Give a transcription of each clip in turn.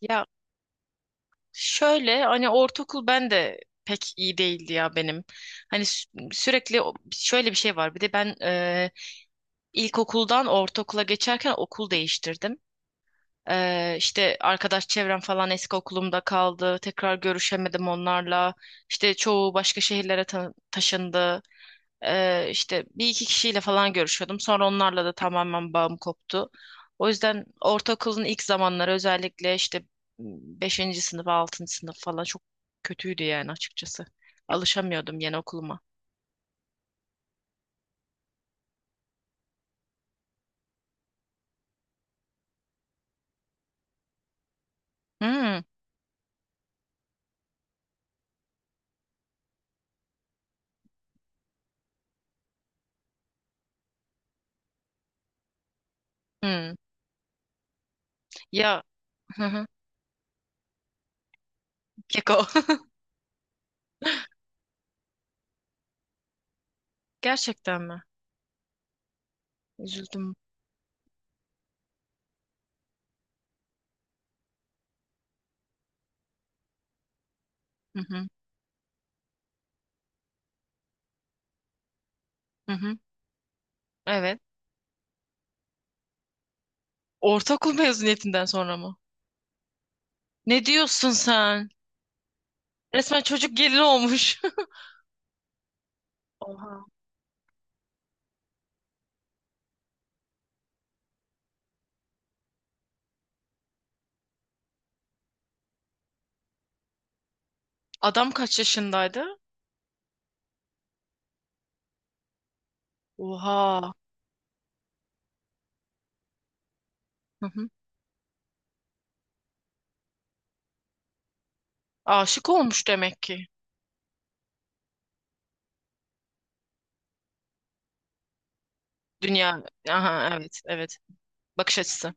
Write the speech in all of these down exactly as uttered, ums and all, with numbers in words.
Ya şöyle hani ortaokul ben de pek iyi değildi ya benim. Hani sü- sürekli o- şöyle bir şey var. Bir de ben e, ilkokuldan ortaokula geçerken okul değiştirdim. E, işte arkadaş çevrem falan eski okulumda kaldı. Tekrar görüşemedim onlarla. İşte çoğu başka şehirlere ta- taşındı. Ee, işte bir iki kişiyle falan görüşüyordum. Sonra onlarla da tamamen bağım koptu. O yüzden ortaokulun ilk zamanları özellikle işte beşinci sınıf, altıncı sınıf falan çok kötüydü yani açıkçası. Alışamıyordum yeni okuluma. Hmm, hmm. Ya, hı hı. Keko. Gerçekten mi? Üzüldüm. Hı hı. Hı hı. Evet. Ortaokul mezuniyetinden sonra mı? Ne diyorsun sen? Resmen çocuk gelin olmuş. Oha. Adam kaç yaşındaydı? Oha. Hı hı. Aşık olmuş demek ki. Dünya. Aha, evet, evet. Bakış açısı.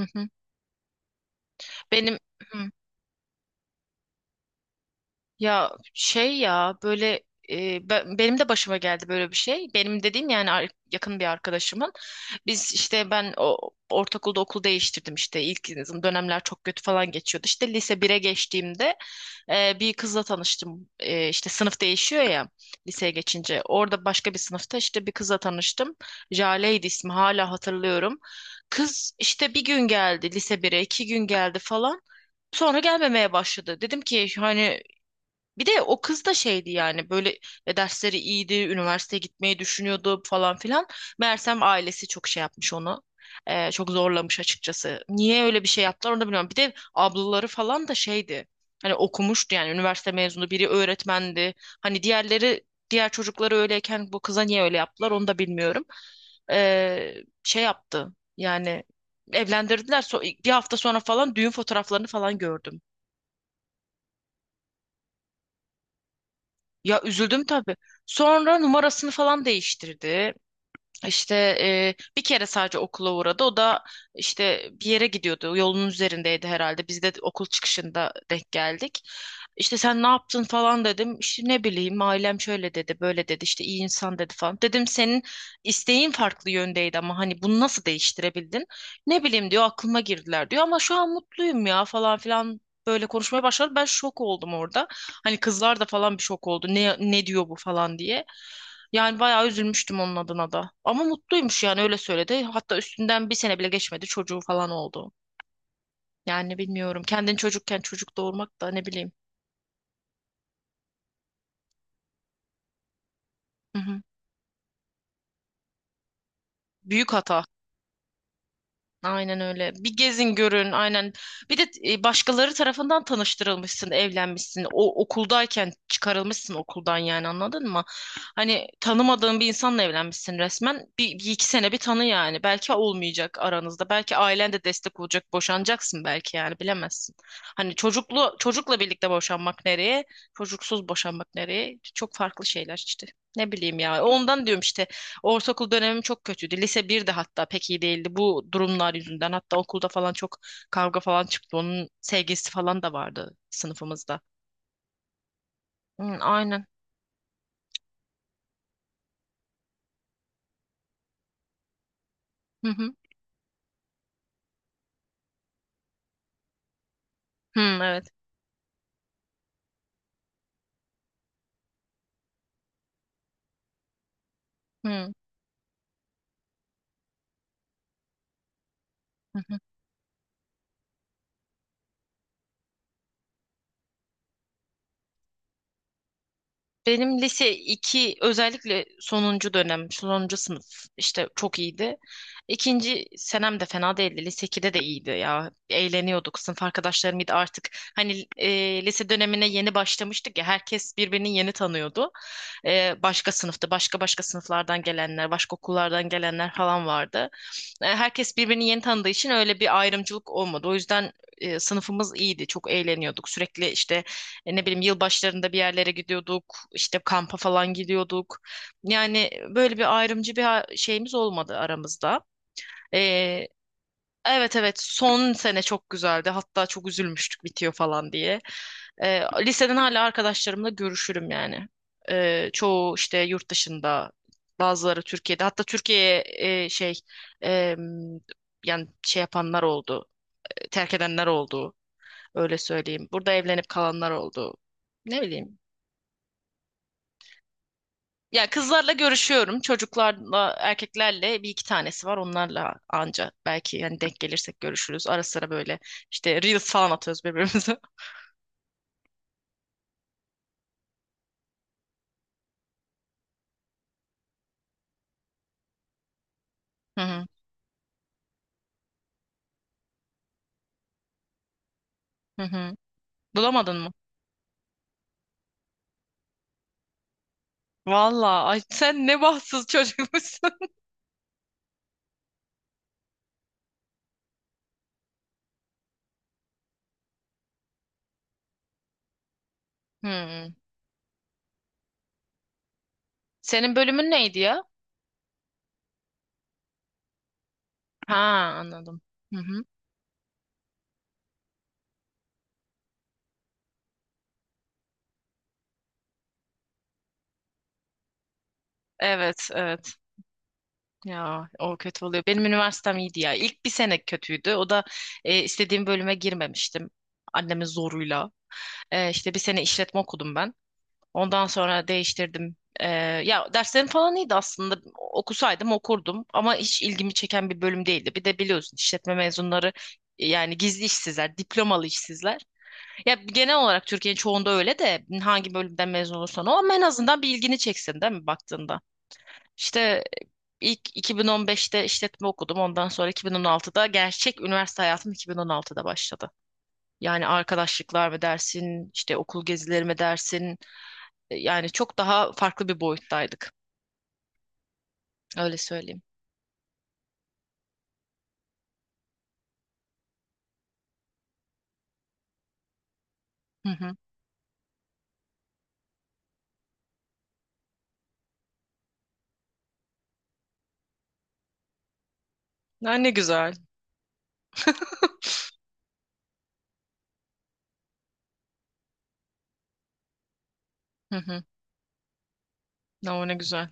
Hı hı. Benim hı. Ya şey ya böyle, e, be- benim de başıma geldi böyle bir şey. Benim dediğim yani ar- yakın bir arkadaşımın. Biz işte ben o ortaokulda okul değiştirdim, işte ilk dönemler çok kötü falan geçiyordu. İşte lise bire geçtiğimde e, bir kızla tanıştım. E, işte sınıf değişiyor ya liseye geçince. Orada başka bir sınıfta işte bir kızla tanıştım. Jale'ydi ismi, hala hatırlıyorum. Kız işte bir gün geldi, lise bire iki gün geldi falan. Sonra gelmemeye başladı. Dedim ki hani, bir de o kız da şeydi yani böyle, e, dersleri iyiydi, üniversiteye gitmeyi düşünüyordu falan filan. Meğersem ailesi çok şey yapmış onu. E, çok zorlamış açıkçası. Niye öyle bir şey yaptılar onu da bilmiyorum. Bir de ablaları falan da şeydi. Hani okumuştu yani, üniversite mezunu biri öğretmendi. Hani diğerleri diğer çocukları öyleyken bu kıza niye öyle yaptılar onu da bilmiyorum. E, Şey yaptı yani, evlendirdiler. So- bir hafta sonra falan düğün fotoğraflarını falan gördüm. Ya üzüldüm tabii. Sonra numarasını falan değiştirdi. İşte e, bir kere sadece okula uğradı. O da işte bir yere gidiyordu. Yolun üzerindeydi herhalde. Biz de okul çıkışında denk geldik. İşte sen ne yaptın falan dedim. İşte ne bileyim ailem şöyle dedi, böyle dedi. İşte iyi insan dedi falan. Dedim senin isteğin farklı yöndeydi ama hani bunu nasıl değiştirebildin? Ne bileyim diyor, aklıma girdiler diyor ama şu an mutluyum ya falan filan, böyle konuşmaya başladı. Ben şok oldum orada. Hani kızlar da falan bir şok oldu. Ne ne diyor bu falan diye. Yani bayağı üzülmüştüm onun adına da. Ama mutluymuş yani, öyle söyledi. Hatta üstünden bir sene bile geçmedi, çocuğu falan oldu. Yani bilmiyorum. Kendin çocukken çocuk doğurmak da, ne bileyim. Hı hı. Büyük hata. Aynen öyle. Bir gezin görün aynen. Bir de e, başkaları tarafından tanıştırılmışsın, evlenmişsin. O okuldayken çıkarılmışsın okuldan yani, anladın mı? Hani tanımadığın bir insanla evlenmişsin resmen. Bir, bir iki sene bir tanı yani. Belki olmayacak aranızda. Belki ailen de destek olacak. Boşanacaksın belki yani, bilemezsin. Hani çocuklu çocukla birlikte boşanmak nereye? Çocuksuz boşanmak nereye? Çok farklı şeyler işte. Ne bileyim ya. Ondan diyorum işte. Ortaokul dönemim çok kötüydü. Lise bir de hatta pek iyi değildi bu durumlar yüzünden. Hatta okulda falan çok kavga falan çıktı. Onun sevgilisi falan da vardı sınıfımızda. Hı, aynen. Hı hı. Hı, evet. Hı. Hı hı. Benim lise iki, özellikle sonuncu dönem, sonuncu sınıf işte çok iyiydi. İkinci senem de fena değildi. Lise ikide de iyiydi ya. Eğleniyorduk. Sınıf arkadaşlarım iyiydi artık. Hani e, lise dönemine yeni başlamıştık ya. Herkes birbirini yeni tanıyordu. E, başka sınıfta, başka başka sınıflardan gelenler, başka okullardan gelenler falan vardı. E, herkes birbirini yeni tanıdığı için öyle bir ayrımcılık olmadı. O yüzden e, sınıfımız iyiydi. Çok eğleniyorduk. Sürekli işte e, ne bileyim yılbaşlarında bir yerlere gidiyorduk, işte kampa falan gidiyorduk. Yani böyle bir ayrımcı bir ha- şeyimiz olmadı aramızda. E, evet, evet, son sene çok güzeldi. Hatta çok üzülmüştük bitiyor falan diye. E, Liseden hala arkadaşlarımla görüşürüm yani. E, çoğu işte yurt dışında, bazıları Türkiye'de. Hatta Türkiye'ye e, şey e, yani şey yapanlar oldu, terk edenler oldu. Öyle söyleyeyim. Burada evlenip kalanlar oldu. Ne bileyim. Ya kızlarla görüşüyorum. Çocuklarla, erkeklerle bir iki tanesi var. Onlarla anca belki yani, denk gelirsek görüşürüz. Ara sıra böyle işte reels falan atıyoruz birbirimize. Hı hı. Hı hı. Bulamadın mı? Vallahi ay sen ne bahtsız çocukmuşsun. Hmm. Senin bölümün neydi ya? Ha, anladım. Hı hı. Evet, evet. Ya o kötü oluyor. Benim üniversitem iyiydi ya. İlk bir sene kötüydü. O da e, istediğim bölüme girmemiştim. Annemin zoruyla. E, işte bir sene işletme okudum ben. Ondan sonra değiştirdim. Ee, ya derslerim falan iyiydi aslında. Okusaydım okurdum ama hiç ilgimi çeken bir bölüm değildi. Bir de biliyorsun işletme mezunları, yani gizli işsizler, diplomalı işsizler. Ya genel olarak Türkiye'nin çoğunda öyle de hangi bölümden mezun olursan ol ama en azından bir ilgini çeksin değil mi baktığında? İşte ilk iki bin on beşte işletme okudum. Ondan sonra iki bin on altıda, gerçek üniversite hayatım iki bin on altıda başladı. Yani arkadaşlıklar mı dersin, işte okul gezileri mi dersin, yani çok daha farklı bir boyuttaydık. Öyle söyleyeyim. Hı hı. Ya ne güzel. Hı hı. Ya ne güzel.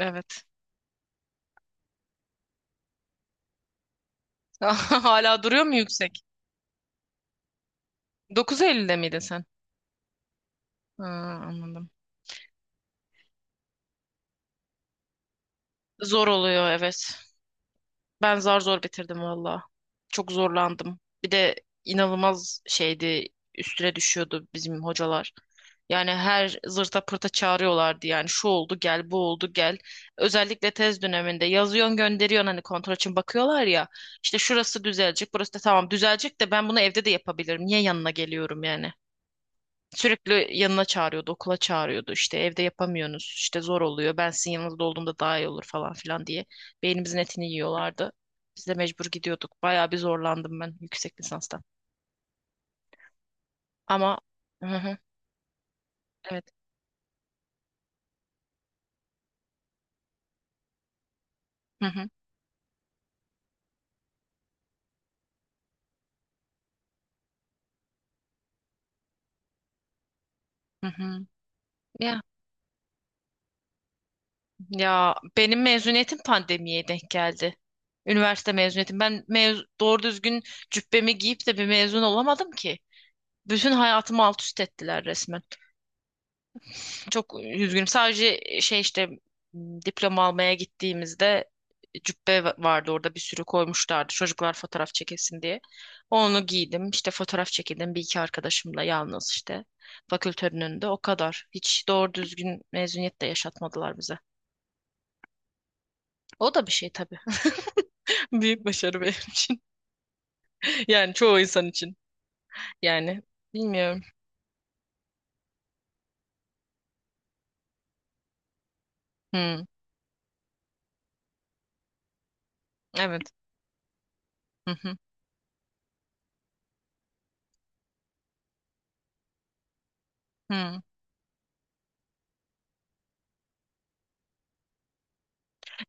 Evet. Hala duruyor mu yüksek? dokuz ellide miydin sen? Ha, anladım. Zor oluyor, evet. Ben zar zor bitirdim valla. Çok zorlandım. Bir de inanılmaz şeydi, üstüne düşüyordu bizim hocalar. Yani her zırta pırta çağırıyorlardı, yani şu oldu gel, bu oldu gel. Özellikle tez döneminde yazıyorsun, gönderiyorsun hani kontrol için bakıyorlar ya. İşte şurası düzelecek, burası da tamam düzelecek de ben bunu evde de yapabilirim. Niye yanına geliyorum yani? Sürekli yanına çağırıyordu, okula çağırıyordu. İşte evde yapamıyorsunuz, işte zor oluyor. Ben sizin yanınızda olduğumda daha iyi olur falan filan diye. Beynimizin etini yiyorlardı. Biz de mecbur gidiyorduk. Bayağı bir zorlandım ben yüksek lisansta. Ama hı hı, evet. Hı hı, hı hı. Ya, ya benim mezuniyetim pandemiye denk geldi. Üniversite mezuniyetim. Ben mez Doğru düzgün cübbemi giyip de bir mezun olamadım ki. Bütün hayatımı alt üst ettiler resmen. Çok üzgünüm. Sadece e, şey işte m, diploma almaya gittiğimizde cübbe va- vardı orada, bir sürü koymuşlardı çocuklar fotoğraf çekesin diye. Onu giydim, işte fotoğraf çekildim bir iki arkadaşımla, yalnız işte fakültenin önünde, o kadar. Hiç doğru düzgün mezuniyet de yaşatmadılar bize. O da bir şey tabii. Büyük başarı benim için. Yani çoğu insan için. Yani bilmiyorum. Hmm, evet. Hı hı. Hı.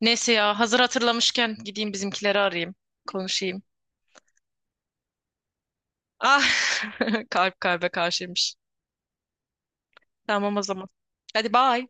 Neyse ya, hazır hatırlamışken gideyim bizimkileri arayayım. Konuşayım. Ah, kalp kalbe karşıymış. Tamam o zaman. Hadi bye.